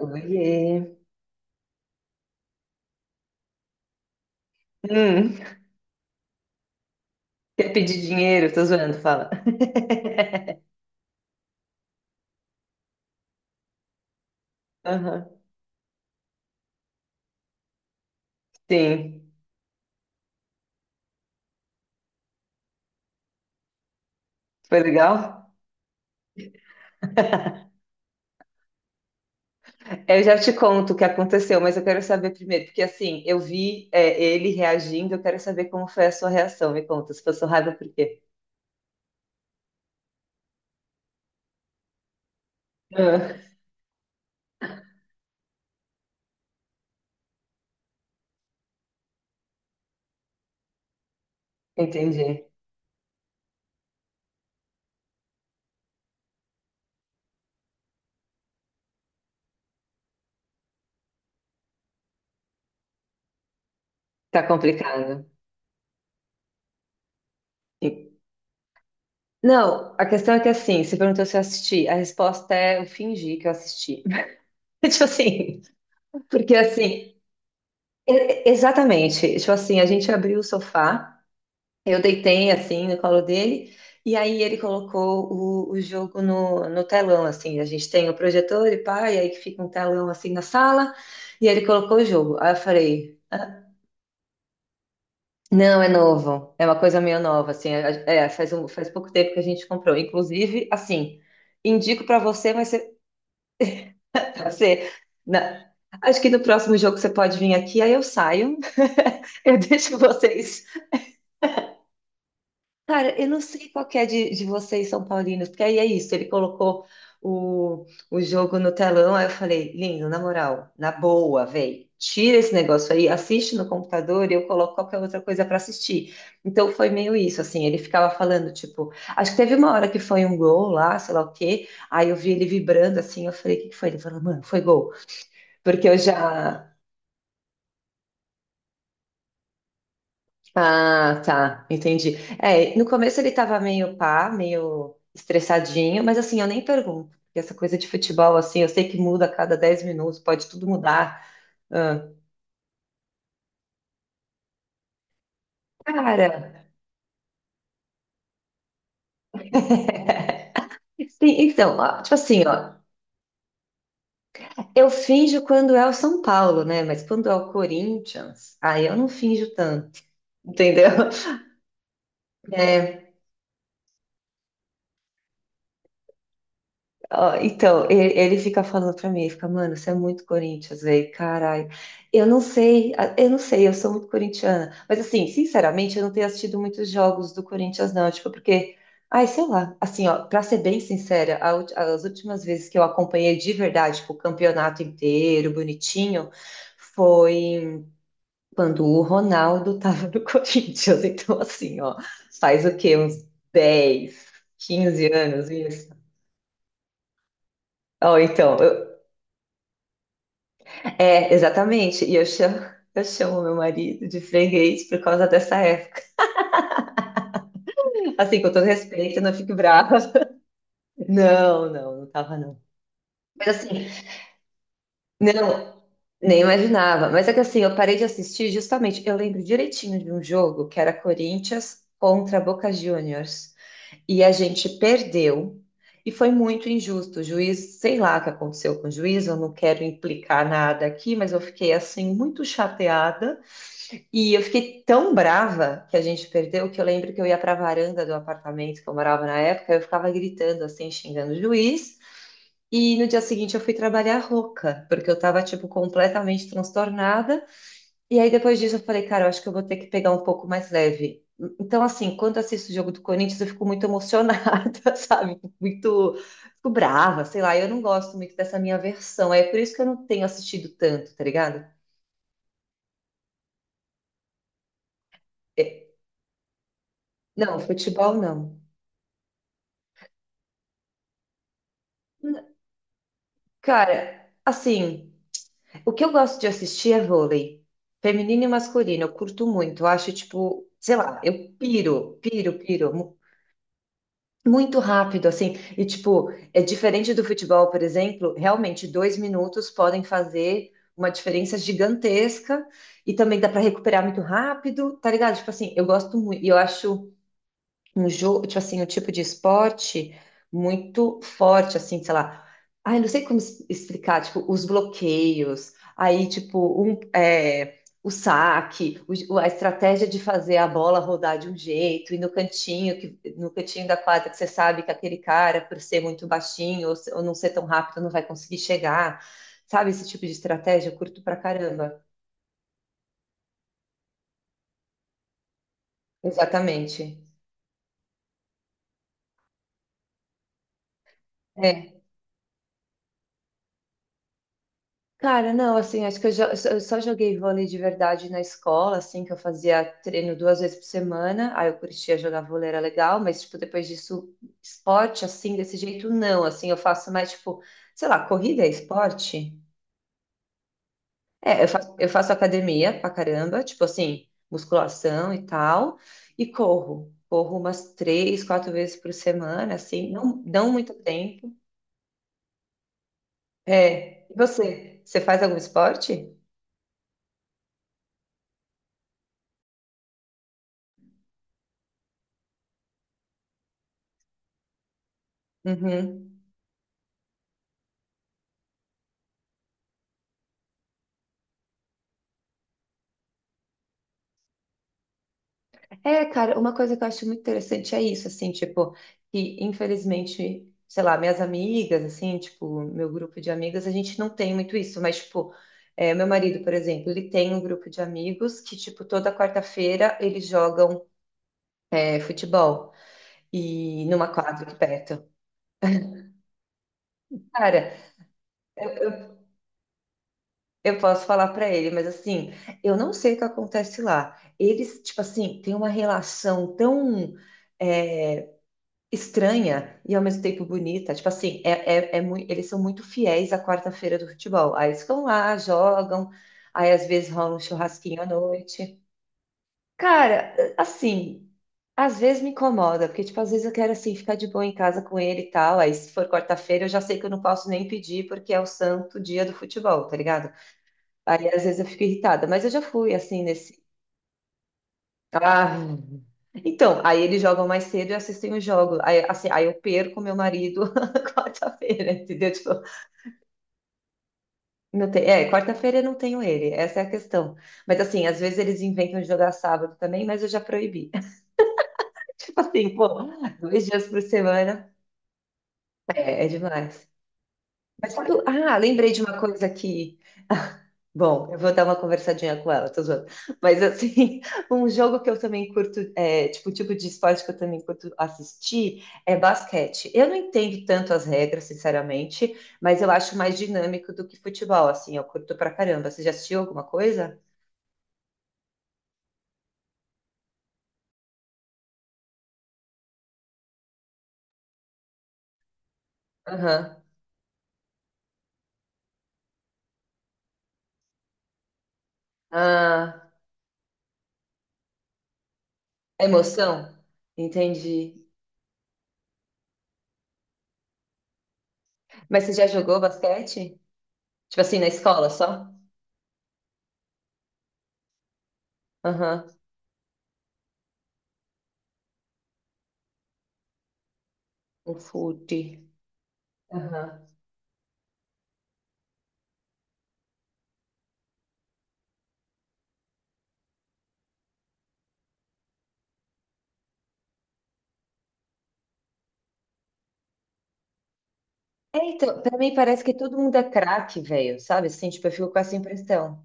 Oiê. Hum, quer pedir dinheiro? Tô zoando, fala. Aham. Sim. Foi legal? Eu já te conto o que aconteceu, mas eu quero saber primeiro, porque assim, eu vi ele reagindo, eu quero saber como foi a sua reação. Me conta, se passou raiva, por quê? Ah, entendi. Tá complicado. E- Não, a questão é que assim, você perguntou se eu assisti, a resposta é eu fingi que eu assisti. Tipo assim, porque assim, exatamente, tipo assim, a gente abriu o sofá. Eu deitei assim no colo dele, e aí ele colocou o jogo no telão, assim. A gente tem o projetor e pá, e aí que fica um telão assim na sala, e ele colocou o jogo. Aí eu falei, não, é novo, é uma coisa meio nova, assim. Faz um, faz pouco tempo que a gente comprou. Inclusive, assim, indico pra você, mas você, você na- acho que no próximo jogo você pode vir aqui, aí eu saio, eu deixo vocês. Cara, eu não sei qual que é de vocês, São Paulinos, porque aí é isso, ele colocou o jogo no telão, aí eu falei, lindo, na moral, na boa, véi, tira esse negócio aí, assiste no computador e eu coloco qualquer outra coisa pra assistir. Então foi meio isso, assim, ele ficava falando, tipo, acho que teve uma hora que foi um gol lá, sei lá o quê, aí eu vi ele vibrando, assim, eu falei, o que que foi? Ele falou, mano, foi gol, porque eu já, ah, tá, entendi. É, no começo ele tava meio pá, meio estressadinho, mas assim, eu nem pergunto, porque essa coisa de futebol, assim, eu sei que muda a cada 10 minutos, pode tudo mudar. Ah, cara, sim, então, ó, tipo assim, ó, eu finjo quando é o São Paulo, né? Mas quando é o Corinthians, aí eu não finjo tanto, entendeu? Ó, então, ele fica falando pra mim, ele fica, mano, você é muito Corinthians, velho, caralho. Eu não sei, eu não sei, eu sou muito corintiana. Mas assim, sinceramente, eu não tenho assistido muitos jogos do Corinthians, não. Tipo, porque, ai, sei lá, assim, ó, pra ser bem sincera, a as últimas vezes que eu acompanhei de verdade, tipo, o campeonato inteiro, bonitinho, foi quando o Ronaldo tava no Corinthians. Então, assim, ó, faz o quê? Uns 10, 15 anos isso? Ó, então, é, exatamente. E eu chamo, eu chamo meu marido de freguês por causa dessa época. Assim, com todo respeito, não fique brava. Não, não, não tava não. Mas assim, não, nem imaginava. Mas é que assim, eu parei de assistir justamente. Eu lembro direitinho de um jogo que era Corinthians contra Boca Juniors. E a gente perdeu. E foi muito injusto. O juiz, sei lá o que aconteceu com o juiz, eu não quero implicar nada aqui, mas eu fiquei assim muito chateada. E eu fiquei tão brava que a gente perdeu que eu lembro que eu ia para a varanda do apartamento que eu morava na época, eu ficava gritando assim, xingando o juiz. E no dia seguinte eu fui trabalhar rouca, porque eu tava tipo completamente transtornada. E aí depois disso eu falei, cara, eu acho que eu vou ter que pegar um pouco mais leve. Então assim, quando eu assisto o jogo do Corinthians, eu fico muito emocionada, sabe? Muito, fico brava, sei lá. Eu não gosto muito dessa minha versão. É por isso que eu não tenho assistido tanto, tá ligado? É, não, futebol não. Cara, assim, o que eu gosto de assistir é vôlei. Feminino e masculino, eu curto muito. Eu acho, tipo, sei lá, eu piro, piro, piro. Muito rápido, assim. E, tipo, é diferente do futebol, por exemplo, realmente 2 minutos podem fazer uma diferença gigantesca. E também dá para recuperar muito rápido, tá ligado? Tipo assim, eu gosto muito. E eu acho um jogo, tipo assim, um tipo de esporte muito forte, assim, sei lá. Ai, não sei como explicar, tipo, os bloqueios, aí, tipo, um, é, o saque, a estratégia de fazer a bola rodar de um jeito, e no cantinho, que, no cantinho da quadra que você sabe que aquele cara, por ser muito baixinho ou, ou não ser tão rápido, não vai conseguir chegar. Sabe esse tipo de estratégia? Eu curto pra caramba. Exatamente. É. Cara, não, assim, acho que eu eu só joguei vôlei de verdade na escola, assim, que eu fazia treino 2 vezes por semana, aí eu curtia jogar vôlei, era legal, mas, tipo, depois disso, esporte, assim, desse jeito, não, assim, eu faço mais, tipo, sei lá, corrida é esporte? É, eu faço academia pra caramba, tipo, assim, musculação e tal, e corro, corro umas 3, 4 vezes por semana, assim, não, não muito tempo. É, e você, você faz algum esporte? Uhum. É, cara, uma coisa que eu acho muito interessante é isso, assim, tipo, que infelizmente, sei lá, minhas amigas, assim, tipo, meu grupo de amigas, a gente não tem muito isso, mas, tipo, é, meu marido, por exemplo, ele tem um grupo de amigos que, tipo, toda quarta-feira eles jogam, é, futebol e numa quadra aqui perto. Cara, eu posso falar pra ele, mas assim, eu não sei o que acontece lá. Eles, tipo assim, têm uma relação tão é, estranha e ao mesmo tempo bonita. Tipo assim, é muito, eles são muito fiéis à quarta-feira do futebol. Aí eles ficam lá, jogam, aí às vezes rola um churrasquinho à noite. Cara, assim, às vezes me incomoda, porque tipo, às vezes eu quero assim ficar de boa em casa com ele e tal. Aí se for quarta-feira, eu já sei que eu não posso nem pedir porque é o santo dia do futebol, tá ligado? Aí às vezes eu fico irritada, mas eu já fui assim nesse ah, então, aí eles jogam mais cedo e assistem o jogo. Aí, assim, aí eu perco meu marido quarta-feira, entendeu? Tipo, não tem, é, quarta-feira eu não tenho ele, essa é a questão. Mas assim, às vezes eles inventam de jogar sábado também, mas eu já proibi. Tipo assim, pô, dois dias por semana é, é demais. Mas sabe, ah, lembrei de uma coisa que, bom, eu vou dar uma conversadinha com ela, tô zoando. Mas assim, um jogo que eu também curto, é, tipo, o tipo de esporte que eu também curto assistir é basquete. Eu não entendo tanto as regras, sinceramente, mas eu acho mais dinâmico do que futebol, assim, eu curto pra caramba. Você já assistiu alguma coisa? Aham. Ah, é emoção? Entendi. Mas você já jogou basquete? Tipo assim, na escola só? Aham. Um fute. Aham. É, então, pra mim parece que todo mundo é craque, velho, sabe? Assim, tipo, eu fico com essa impressão.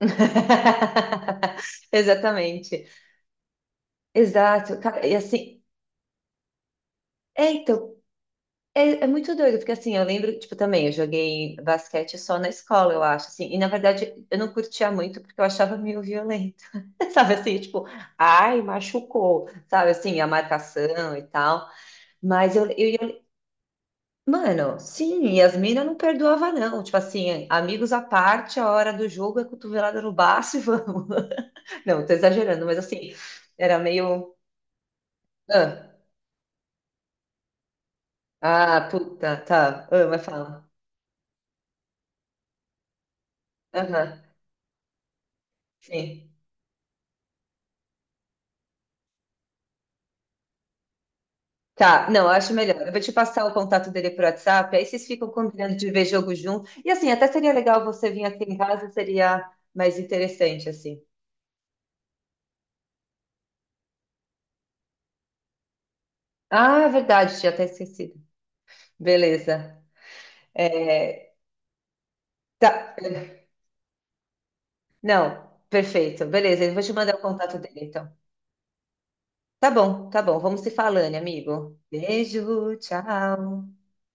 Exatamente. Exato. Cara, e assim, é, então, é, é muito doido, porque assim, eu lembro, tipo, também, eu joguei basquete só na escola, eu acho, assim, e na verdade eu não curtia muito porque eu achava meio violento, sabe? Assim, tipo, ai, machucou, sabe? Assim, a marcação e tal. Mas mano, sim, e as minas não perdoava, não. Tipo assim, amigos à parte, a hora do jogo é cotovelada no baço e vamos. Não, tô exagerando, mas assim, era meio. Ah, ah, puta, tá. Ah, mas fala. Aham, sim. Tá, não, acho melhor. Eu vou te passar o contato dele por WhatsApp, aí vocês ficam combinando de ver jogo junto. E assim, até seria legal você vir aqui em casa, seria mais interessante, assim. Ah, é verdade, tinha até esquecido. Beleza. É, tá. Não, perfeito. Beleza, eu vou te mandar o contato dele, então. Tá bom, tá bom. Vamos se falando, amigo. Beijo, tchau.